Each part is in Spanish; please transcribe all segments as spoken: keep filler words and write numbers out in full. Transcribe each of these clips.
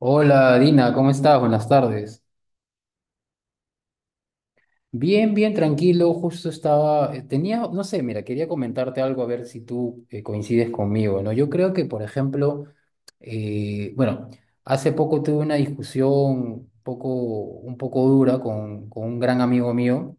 Hola Dina, ¿cómo estás? Buenas tardes. Bien, bien, tranquilo. Justo estaba, eh, tenía, no sé, mira, quería comentarte algo a ver si tú eh, coincides conmigo, ¿no? Yo creo que, por ejemplo, eh, bueno, hace poco tuve una discusión un poco, un poco dura con, con un gran amigo mío.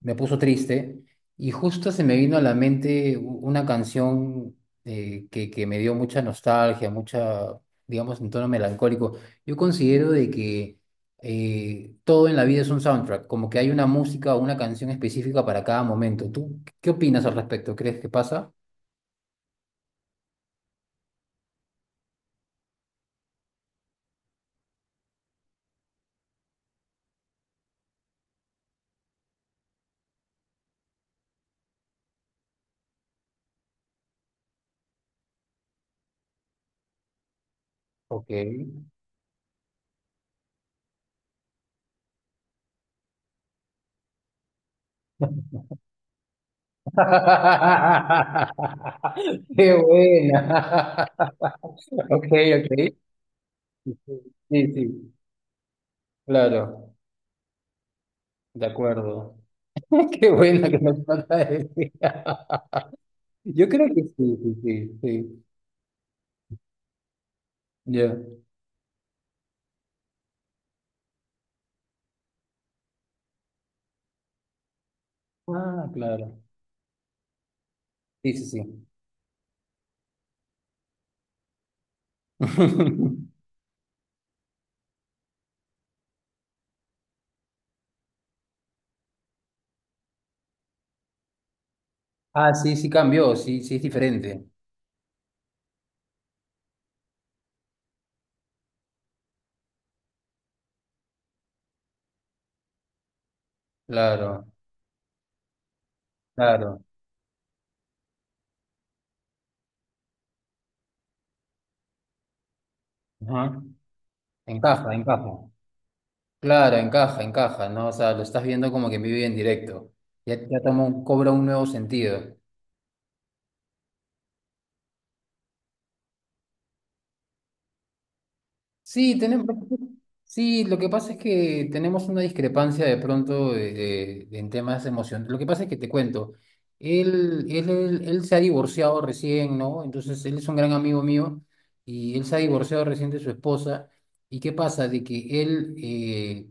Me puso triste y justo se me vino a la mente u- una canción eh, que, que me dio mucha nostalgia, mucha, digamos, en tono melancólico. Yo considero de que eh, todo en la vida es un soundtrack, como que hay una música o una canción específica para cada momento. ¿Tú qué opinas al respecto? ¿Crees que pasa? Ok. Qué buena. Ok, ok. Sí, sí, claro, de acuerdo. Qué buena que nos falta ese. Yo creo que sí, sí, sí, sí. Ya. Ah, claro. Sí, sí, sí. Ah, sí, sí cambió, sí, sí es diferente. Claro, claro. Ajá. Encaja, encaja. Claro, encaja, encaja, ¿no? O sea, lo estás viendo como que en vivo y en directo. Ya, ya toma un- cobra un nuevo sentido. Sí, tenemos, sí, lo que pasa es que tenemos una discrepancia de pronto de- de- de- en temas de emoción. Lo que pasa es que te cuento, él, él, él, él se ha divorciado recién, ¿no? Entonces, él es un gran amigo mío y él se ha divorciado recién de su esposa. ¿Y qué pasa? De que él, eh,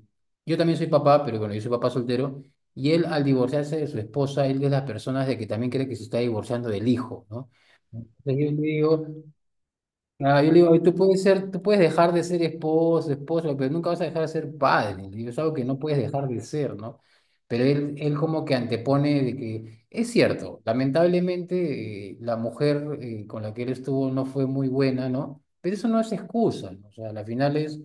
yo también soy papá, pero bueno, yo soy papá soltero, y él al divorciarse de su esposa, él es de las personas de que también cree que se está divorciando del hijo, ¿no? Entonces, yo le digo... Ah, yo le digo, "Ay, tú puedes ser, tú puedes dejar de ser esposo, esposo, pero nunca vas a dejar de ser padre. Le digo, es algo que no puedes dejar de ser, ¿no? Pero él, él como que antepone de que es cierto, lamentablemente eh, la mujer eh, con la que él estuvo no fue muy buena, ¿no? Pero eso no es excusa, ¿no? O sea, al final es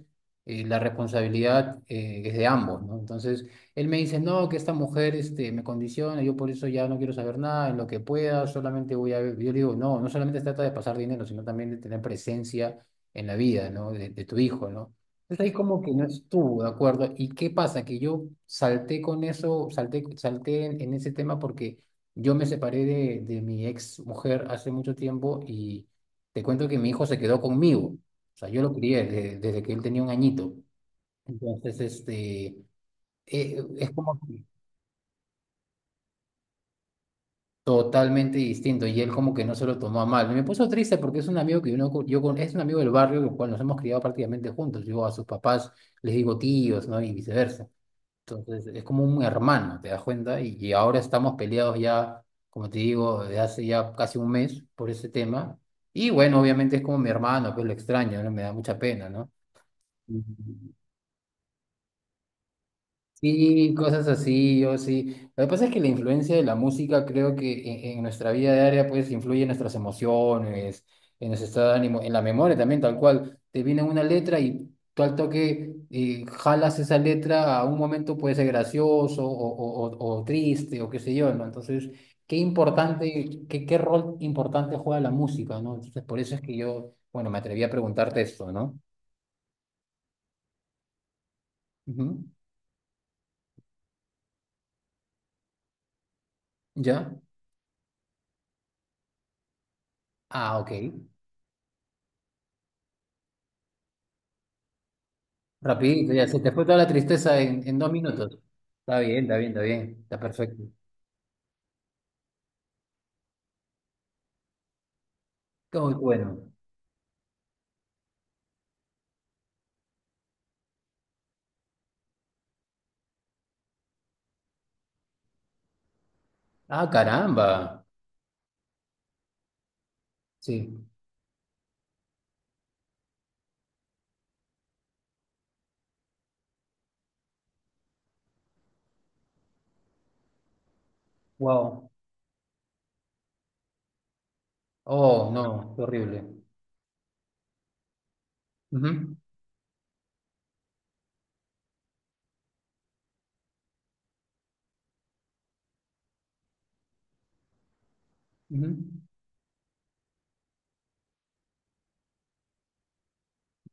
eh, la responsabilidad eh, es de ambos, ¿no? Entonces, él me dice, no, que esta mujer este, me condiciona, yo por eso ya no quiero saber nada, en lo que pueda, solamente voy a... Yo le digo, no, no solamente se trata de pasar dinero, sino también de tener presencia en la vida, ¿no? De, de tu hijo, ¿no? Entonces ahí como que no estuvo, ¿de acuerdo? ¿Y qué pasa? Que yo salté con eso, salté, salté en, en ese tema porque yo me separé de, de mi ex mujer hace mucho tiempo y te cuento que mi hijo se quedó conmigo. O sea, yo lo crié desde, desde que él tenía un añito. Entonces, este eh, es como que totalmente distinto y él como que no se lo tomó a mal. Me puso triste porque es un amigo que uno, co- yo con, es un amigo del barrio con el cual nos hemos criado prácticamente juntos. Yo a sus papás les digo tíos, ¿no? Y viceversa. Entonces es como un hermano, ¿te das cuenta? Y, y ahora estamos peleados ya, como te digo, desde hace ya casi un mes por ese tema. Y bueno, obviamente es como mi hermano, pues lo extraño, ¿no? Me da mucha pena, ¿no? Ujú. Sí, cosas así, yo sí. Lo que pasa es que la influencia de la música creo que en, en nuestra vida diaria pues influye en nuestras emociones, en nuestro estado de ánimo, en la memoria también, tal cual. Te viene una letra y tú al toque eh, jalas esa letra a un momento, puede ser gracioso o, o- o- o triste o qué sé yo, ¿no? Entonces, qué importante, qué, qué rol importante juega la música, ¿no? Entonces, por eso es que yo, bueno, me atreví a preguntarte esto, ¿no? Ujú. ¿Ya? Ah, ok. Rapidito, ya, se te fue toda la tristeza en, en dos minutos. Está bien, está bien, está bien, está perfecto. Qué muy bueno. Ah, caramba. Sí, wow. Oh, no, qué horrible. Ujú, ujú.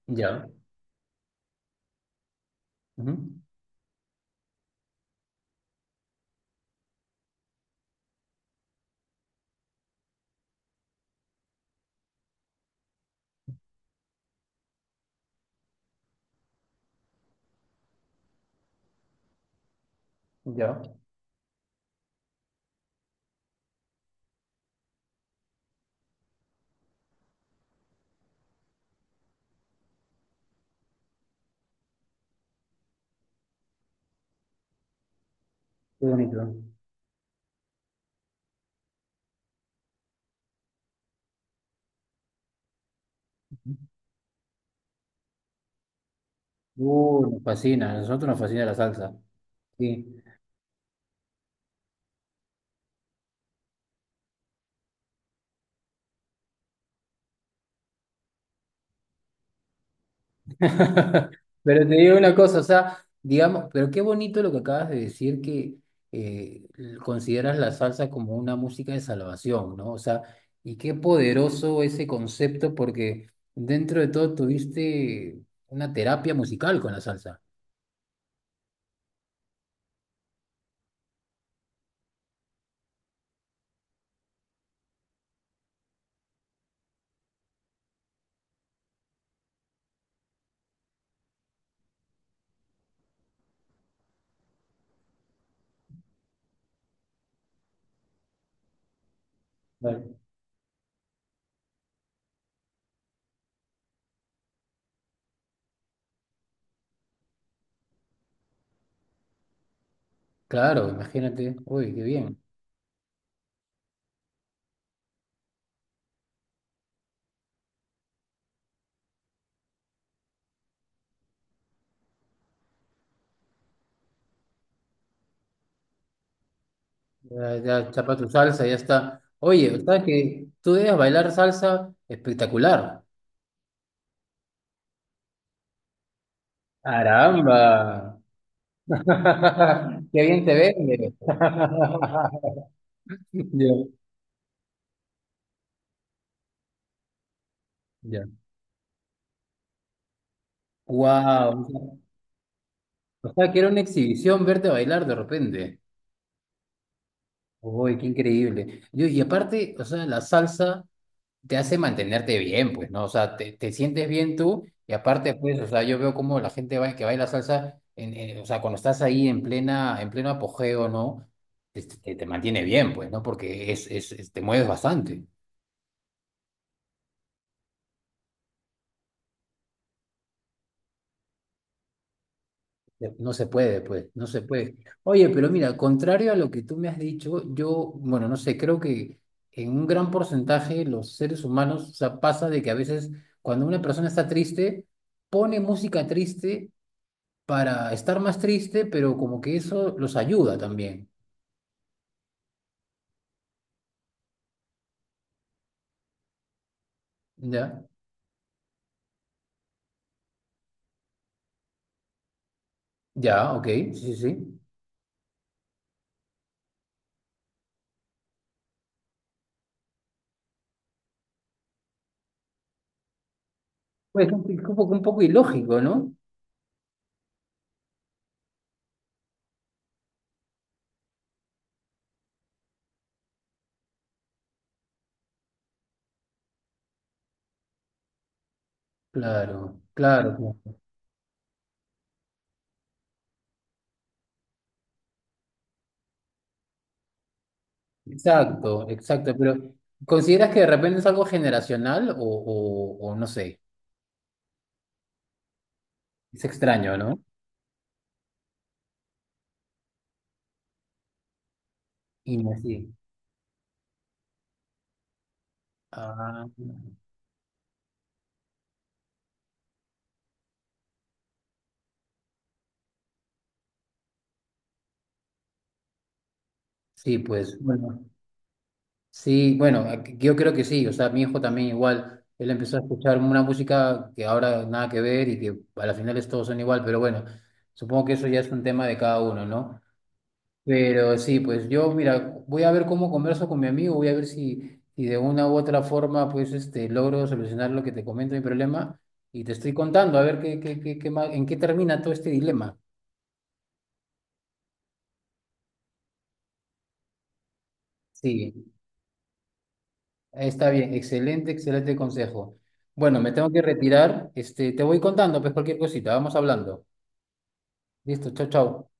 Ya, ujú, ya. Qué bonito. Ujú. Uh, nos fascina, a nosotros nos fascina la salsa. Sí. Pero te digo una cosa, o sea, digamos, pero qué bonito lo que acabas de decir, que eh, consideras la salsa como una música de salvación, ¿no? O sea, y qué poderoso ese concepto, porque dentro de todo tuviste una terapia musical con la salsa. Claro. Claro, imagínate, uy, qué bien. Ya, ya chapa tu salsa, ya está. Oye, ¿sabes que tú debes bailar salsa espectacular? Caramba. Qué bien te vende. Ya, ya. Wow. O sea, que era una exhibición verte bailar de repente. Uy, qué increíble. Yo- y aparte, o sea, la salsa te hace mantenerte bien, pues, ¿no? O sea, te, te sientes bien tú. Y aparte, pues, o sea, yo veo cómo la gente va- que baila salsa, en, en- o sea, cuando estás ahí en plena, en pleno apogeo, ¿no? Te, te- te mantiene bien, pues, ¿no? Porque es, es, es- te mueves bastante. No se puede, pues, no se puede. Oye, pero mira, contrario a lo que tú me has dicho, yo, bueno, no sé, creo que en un gran porcentaje los seres humanos, o sea, pasa de que a veces cuando una persona está triste, pone música triste para estar más triste, pero como que eso los ayuda también. Ya, ya, ok, sí, sí, sí. Pues un, un poco, un poco ilógico, ¿no? Claro, claro, claro. Exacto, exacto, pero ¿consideras que de repente es algo generacional o, o o no sé? Es extraño, ¿no? Y no así. Ah, sí, pues bueno, sí, bueno, aquí- yo creo que sí, o sea, mi hijo también igual, él empezó a escuchar una música que ahora nada que ver y que a las finales todos son igual, pero bueno, supongo que eso ya es un tema de cada uno, ¿no? Pero sí, pues yo, mira, voy a ver cómo converso con mi amigo, voy a ver si, si de una u otra forma, pues, este, logro solucionar lo que te comento, mi problema, y te estoy contando, a ver qué, qué, qué, qué más- en qué termina todo este dilema. Sí. Está bien, excelente, excelente consejo. Bueno, me tengo que retirar. Este, te voy contando, pues cualquier cosita, vamos hablando. Listo, chao, chao.